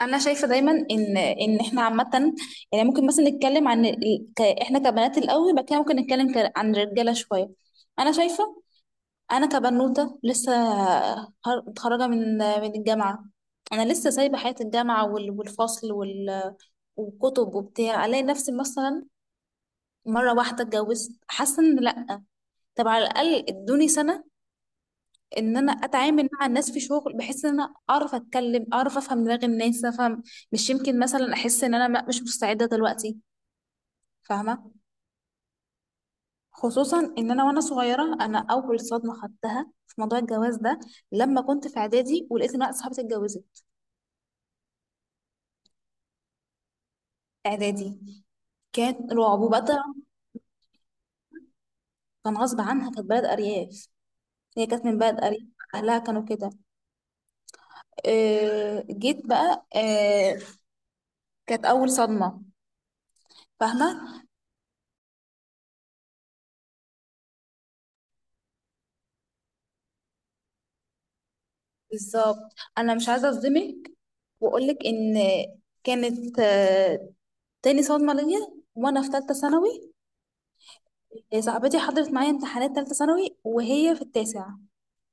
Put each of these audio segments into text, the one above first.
انا شايفه دايما ان احنا عامه، يعني ممكن مثلا نتكلم عن احنا كبنات الاول، بعد كده ممكن نتكلم عن الرجاله شويه. انا شايفه. انا كبنوته لسه، متخرجه من الجامعه. انا لسه سايبه حياه الجامعه والفصل والكتب وبتاع، الاقي نفسي مثلا مره واحده اتجوزت، حاسه ان لا. طب على الاقل ادوني سنه ان انا اتعامل مع الناس في شغل، بحيث ان انا اعرف اتكلم، اعرف افهم دماغ الناس، افهم. مش يمكن مثلا احس ان انا مش مستعده دلوقتي؟ فاهمه؟ خصوصا ان انا وانا صغيره، انا اول صدمه خدتها في موضوع الجواز ده، لما كنت في اعدادي ولقيت ان واحده صاحبتي اتجوزت. اعدادي. كان رعب وبقى. كان غصب عنها، كانت بلد ارياف. هي كانت من بلد ارياف، اهلها كانوا كده. جيت بقى كانت اول صدمه. فاهمه. بالظبط، انا مش عايزه اصدمك واقولك ان كانت تاني صدمه ليا، وانا في ثالثه ثانوي. صاحبتي حضرت معايا امتحانات ثالثه ثانوي وهي في التاسع،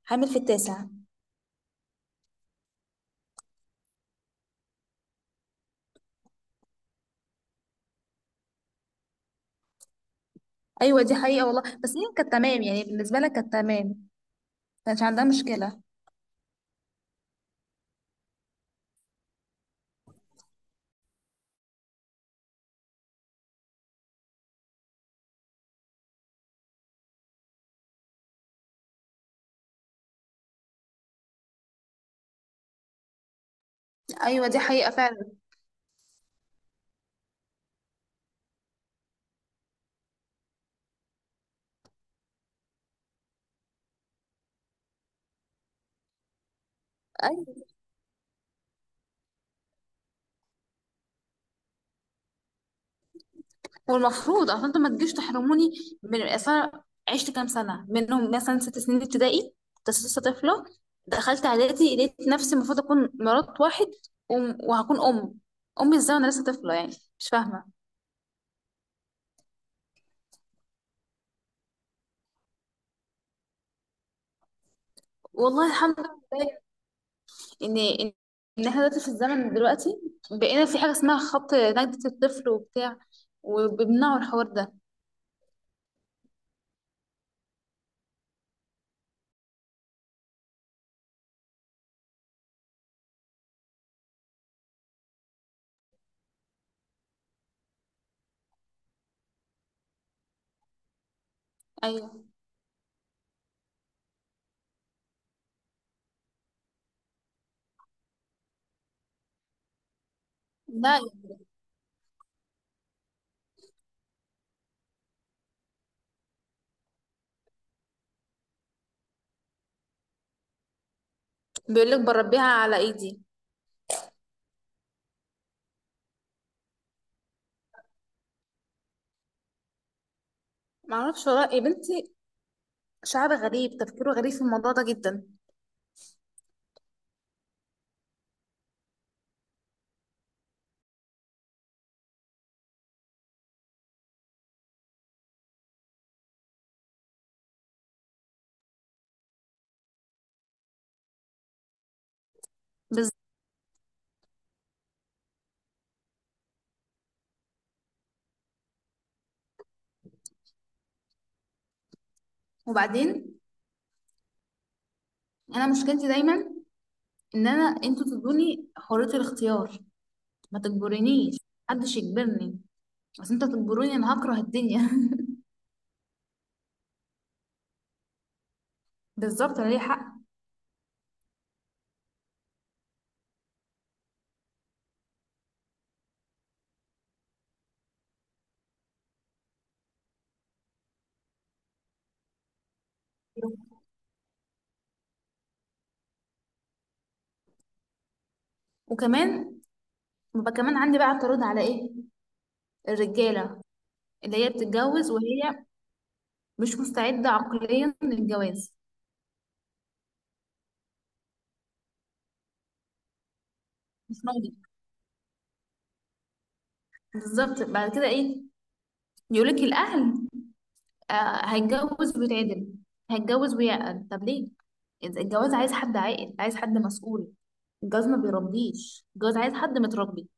حامل في التاسع. ايوه، دي حقيقه والله، بس هي كانت تمام يعني، بالنسبه لها كانت تمام، ما كانش عندها مشكله. ايوه دي حقيقه فعلا. والمفروض اصل انتوا ما تجيش تحرموني من اصل، أنا عشت كام سنه منهم، مثلا ست سنين ابتدائي كنت لسه طفله. دخلت اعدادي، لقيت نفسي المفروض اكون مرات واحد، وهكون ام، امي ازاي وانا لسه طفله يعني؟ مش فاهمه. والله الحمد لله ان إن احنا دلوقتي في الزمن دلوقتي، بقينا في حاجه اسمها خط نجدة الطفل وبتاع، وبيمنعوا الحوار ده. ايوه. لا. بيقول لك بربيها على ايدي. معرفش والله يا بنتي، شعب غريب، تفكيره غريب في الموضوع ده جدا. بس. وبعدين، انا مشكلتي دايما ان انا، انتوا تدوني حرية الاختيار، ما تجبرنيش، محدش يجبرني. بس انت تجبروني انا هكره الدنيا. بالظبط، انا ليا حق. وكمان ببقى كمان عندي بقى اعتراض على ايه؟ الرجاله اللي هي بتتجوز وهي مش مستعده عقليا للجواز. مش راضي. بالظبط، بعد كده ايه؟ يقولك الاهل، آه هيتجوز ويتعدل، هيتجوز ويعقل. طب ليه؟ إذا الجواز عايز حد عاقل، عايز حد مسؤول. الجواز ما بيربيش، الجواز عايز حد متربي.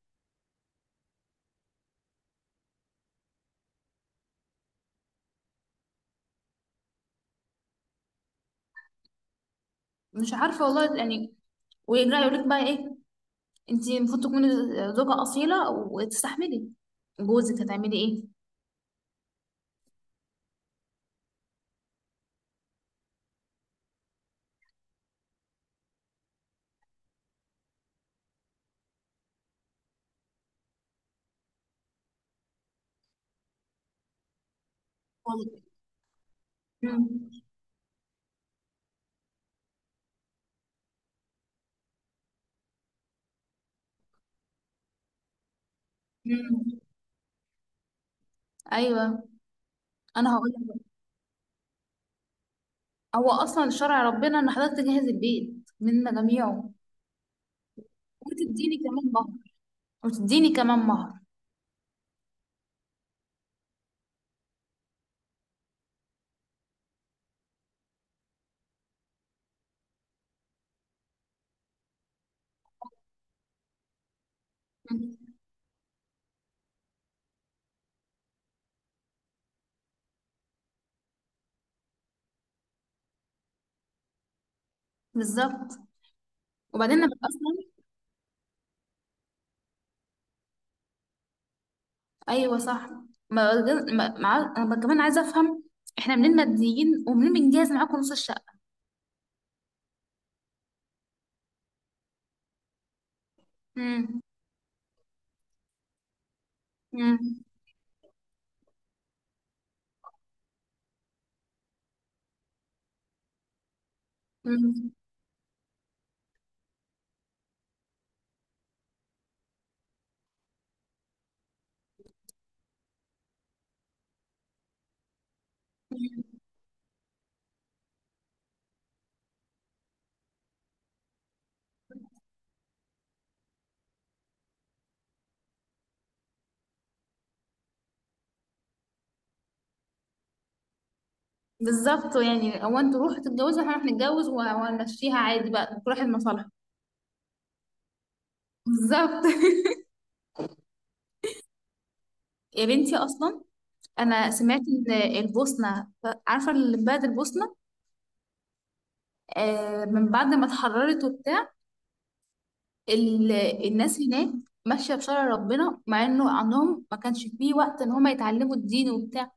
مش عارفه والله يعني. ويرجع يقول لك بقى ايه؟ انت المفروض تكوني زوجه اصيله وتستحملي جوزك، هتعملي ايه؟ مم. مم. ايوه، انا هقول لك، هو اصلا شرع ربنا ان حضرتك تجهز البيت منا جميعه، وتديني كمان مهر وتديني كمان مهر. مم. بالظبط. وبعدين انا اصلا، ايوه صح. ما انا كمان عايزه افهم، احنا منين ماديين، ومنين بنجهز معاكم نص الشقه؟ امم. امم. امم. بالظبط، يعني هو انتوا روحوا تتجوزوا، احنا هنروح نتجوز وهنمشيها عادي، بقى كل واحد مصالحه. بالظبط. يا بنتي اصلا انا سمعت ان البوسنه، عارفه اللي في بلد البوسنه؟ آه، من بعد ما اتحررت وبتاع ال- الناس هناك ماشيه بشرع ربنا، مع انه عندهم ما كانش فيه وقت ان هم يتعلموا الدين وبتاع،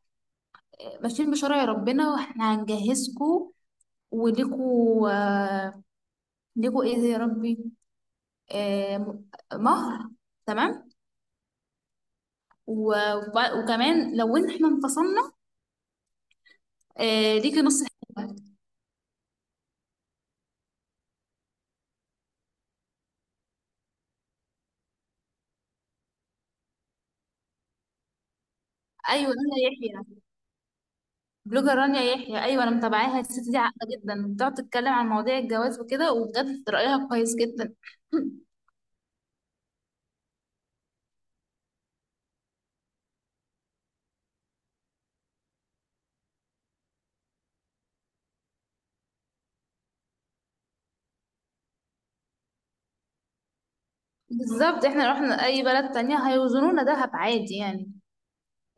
ماشيين بشرع ربنا. واحنا هنجهزكوا وليكوا ليكوا ايه يا ربي؟ آه م- مهر. تمام. وكمان لو إن احنا انفصلنا، ليكي نص الحكاية. ايوه، رانيا يحيى، بلوجر رانيا يحيى. ايوه انا متابعاها، الست دي عاقله جدا، بتقعد تتكلم عن مواضيع الجواز وكده، وبجد رايها كويس جدا. بالظبط، احنا لو رحنا اي بلد تانية هيوزنونا دهب عادي يعني،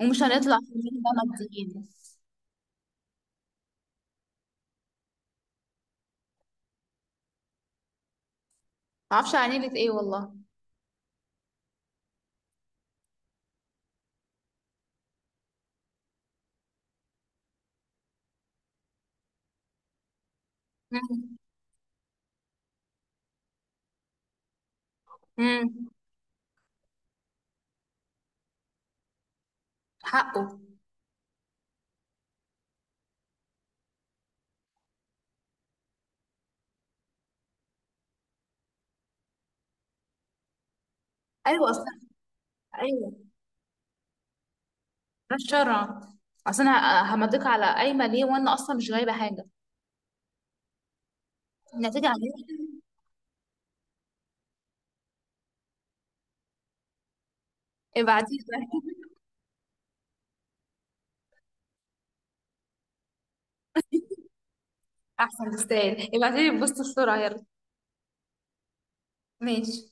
ومش هنطلع في بقى ماديين. معرفش عن ايه ايه والله. امم. حقه. ايوه اصلا، ايوه، ده الشرع. اصل انا همضيك على قايمه ليه وانا اصلا مش غايبه حاجه؟ النتيجه عليك. ابعتيلي. احسن تستاهل، ابعتيلي البوست بسرعه يلا. ماشي.